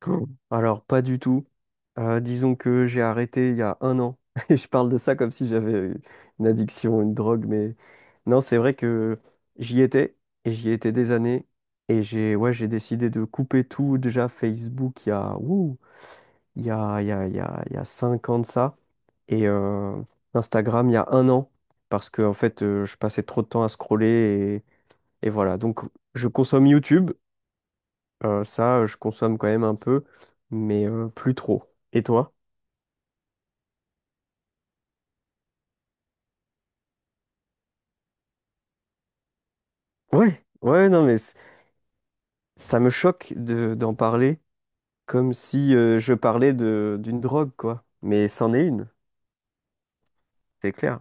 Hmm. Alors, pas du tout. Disons que j'ai arrêté il y a un an. Et je parle de ça comme si j'avais une addiction, une drogue, mais non, c'est vrai que j'y étais, et j'y étais des années. Et j'ai ouais, j'ai décidé de couper tout, déjà Facebook, il y a, ouh, il y a, il y a, il y a, il y a 5 ans de ça et Instagram il y a un an parce que en fait je passais trop de temps à scroller et voilà. Donc je consomme YouTube, ça je consomme quand même un peu, mais plus trop. Et toi? Ouais, ouais, non mais ça me choque de, d'en parler comme si je parlais de d'une drogue quoi. Mais c'en est une, c'est clair.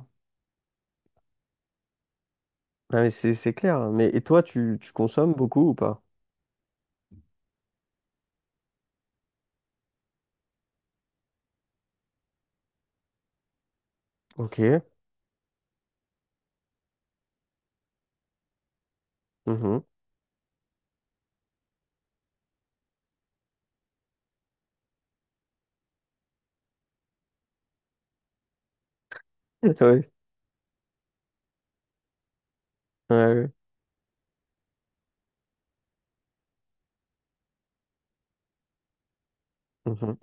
Ah, mais c'est clair, hein. Mais et toi tu consommes beaucoup ou pas? Ok. Mhm. Ouais. Ouais, ouais. Mhm.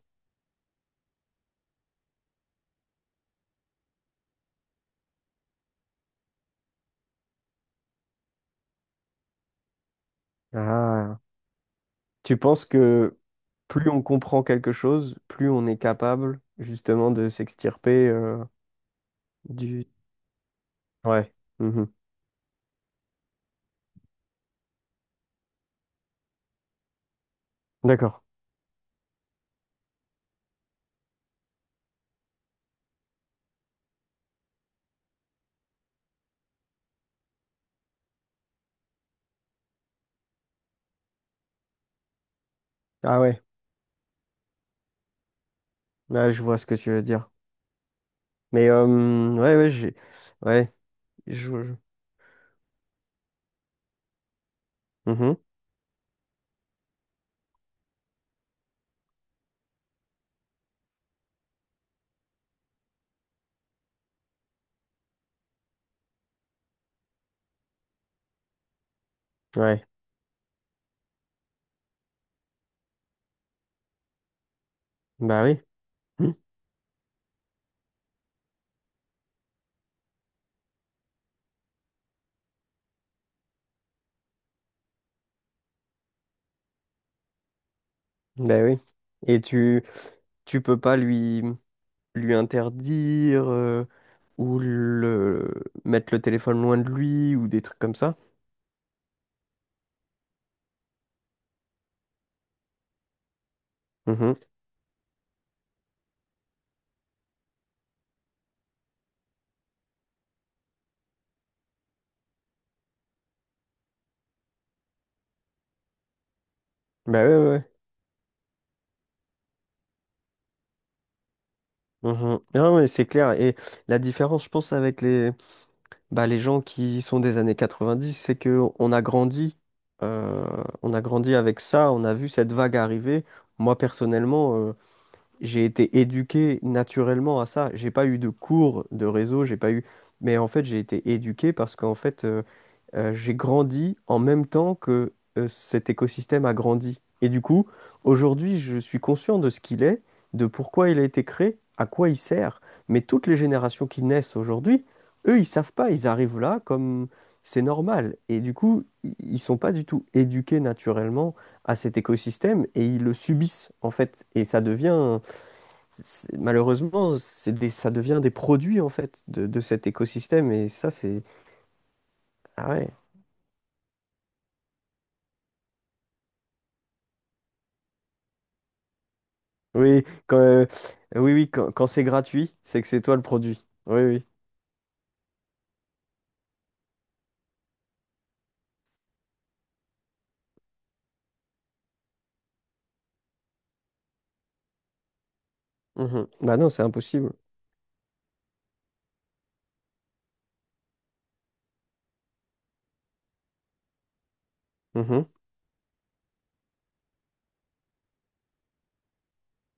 Ah. Tu penses que plus on comprend quelque chose, plus on est capable justement de s'extirper du… Ouais. Mhm. D'accord. Ah ouais. Là, je vois ce que tu veux dire. Mais ouais, ouais, j'ai… Ouais, je... je- Mhm. Ouais. Bah oui. Mhm. Bah oui. Et tu peux pas lui interdire ou le mettre le téléphone loin de lui ou des trucs comme ça. Mhm. Bah ouais, ouais, ouais. Mhm. Non, mais c'est clair. Et la différence, je pense, avec les, bah, les gens qui sont des années 90, c'est que euh, on a grandi avec ça, on a vu cette vague arriver. Moi, personnellement, j'ai été éduqué naturellement à ça. J'ai pas eu de cours de réseau, j'ai pas eu. Mais en fait, j'ai été éduqué parce qu'en fait, j'ai grandi en même temps que cet écosystème a grandi. Et du coup, aujourd'hui, je suis conscient de ce qu'il est, de pourquoi il a été créé, à quoi il sert. Mais toutes les générations qui naissent aujourd'hui, eux, ils savent pas, ils arrivent là comme c'est normal. Et du coup, ils sont pas du tout éduqués naturellement à cet écosystème et ils le subissent en fait. Et ça devient malheureusement, ça devient des produits en fait de cet écosystème et ça c'est Ah ouais. Oui, quand, euh, oui, oui, quand c'est gratuit, c'est que c'est toi le produit. Oui, oui. Mhm. Bah non, c'est impossible. Mhm.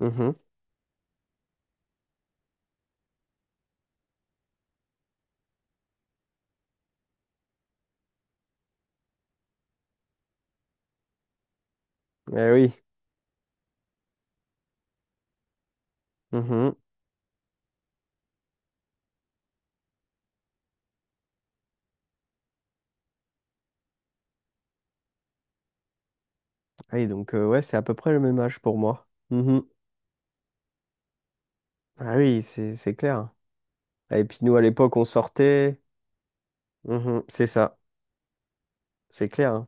Mhm. Eh oui. Mhm. Ah oui, donc ouais, c'est à peu près le même âge pour moi. Mhm. Ah oui, c'est clair. Ah, et puis nous à l'époque on sortait. Mhm. C'est ça, c'est clair.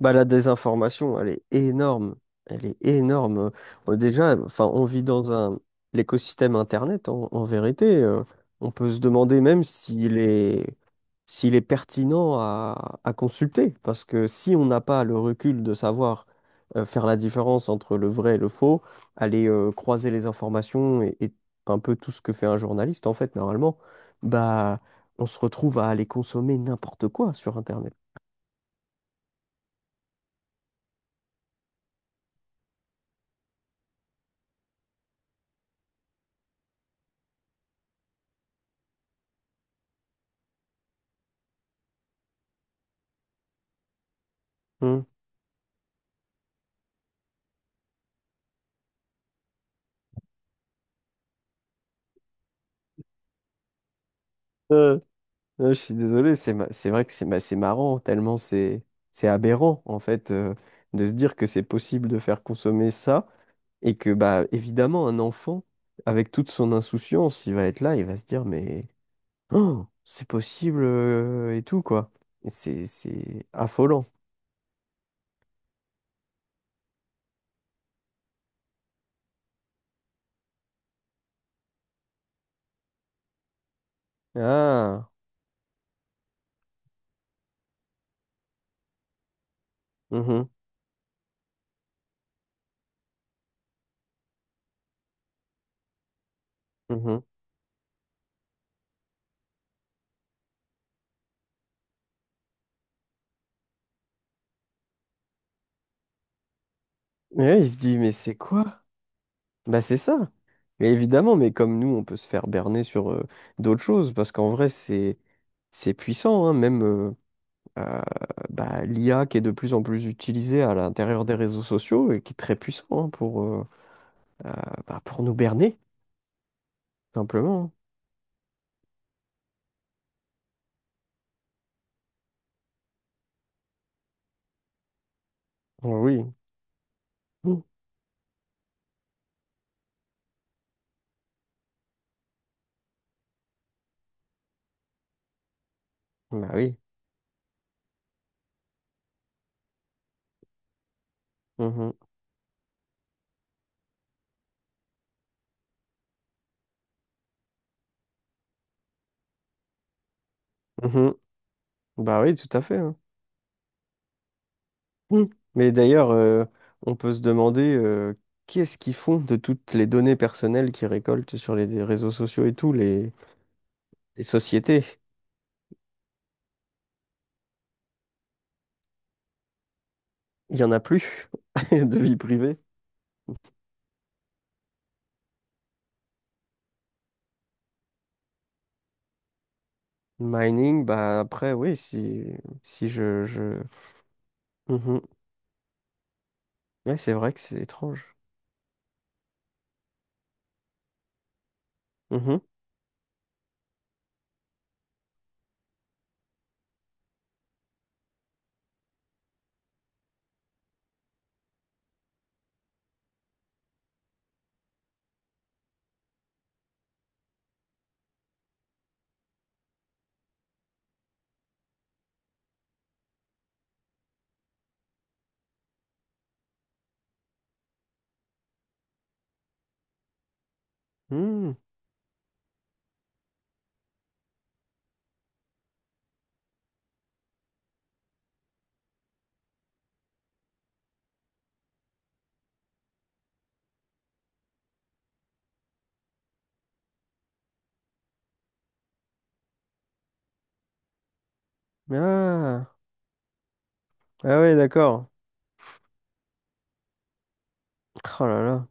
Bah, la désinformation, elle est énorme. Elle est énorme. Déjà, enfin, on vit dans un l'écosystème Internet, en vérité. On peut se demander même s'il est pertinent à consulter. Parce que si on n'a pas le recul de savoir faire la différence entre le vrai et le faux, aller croiser les informations et un peu tout ce que fait un journaliste, en fait, normalement, bah, on se retrouve à aller consommer n'importe quoi sur Internet. Hmm. Non, je suis désolé, c'est vrai que c'est marrant, tellement c'est aberrant en fait de se dire que c'est possible de faire consommer ça et que bah évidemment un enfant avec toute son insouciance, il va être là, il va se dire mais oh, c'est possible et tout quoi. Et c'est affolant. Ah, mhm, mhm. Ouais, il se dit mais c'est quoi? Bah c'est ça. Mais évidemment, mais comme nous, on peut se faire berner sur d'autres choses parce qu'en vrai c'est puissant, hein, mêmeeuh, bah, l'IA qui est de plus en plus utilisée à l'intérieur des réseaux sociaux et qui est très puissant, hein, euh, bah, pour nous berner, tout simplement. Oh oui. Mm. Bah oui. Mhm. Mhm. Bah oui, tout à fait, hein. Mm. Mais d'ailleurs, on peut se demander qu'est-ce qu'ils font de toutes les données personnelles qu'ils récoltent sur les réseaux sociaux et tout, les sociétés. Il n'y en a plus de vie privée. Mining, bah après, oui, si je… Mhm. Ouais, c'est vrai que c'est étrange. Mhm. Hmm. Ah. Ah ouais, d'accord. Oh là là.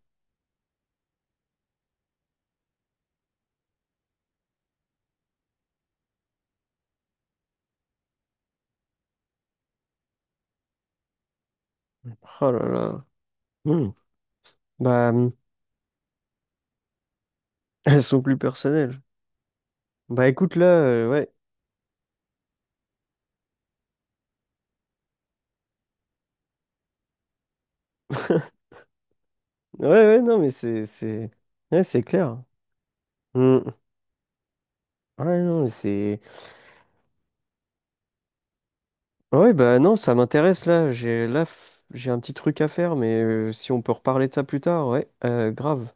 Oh là là. Hmm. Bah, elles sont plus personnelles. Bah écoute, là, ouais. Ouais, ouais, non, mais c'est, ouais, c'est clair. Hmm. Ouais, non, mais ouais, bah non, ça m'intéresse là. J'ai un petit truc à faire, mais si on peut reparler de ça plus tard, ouais, grave.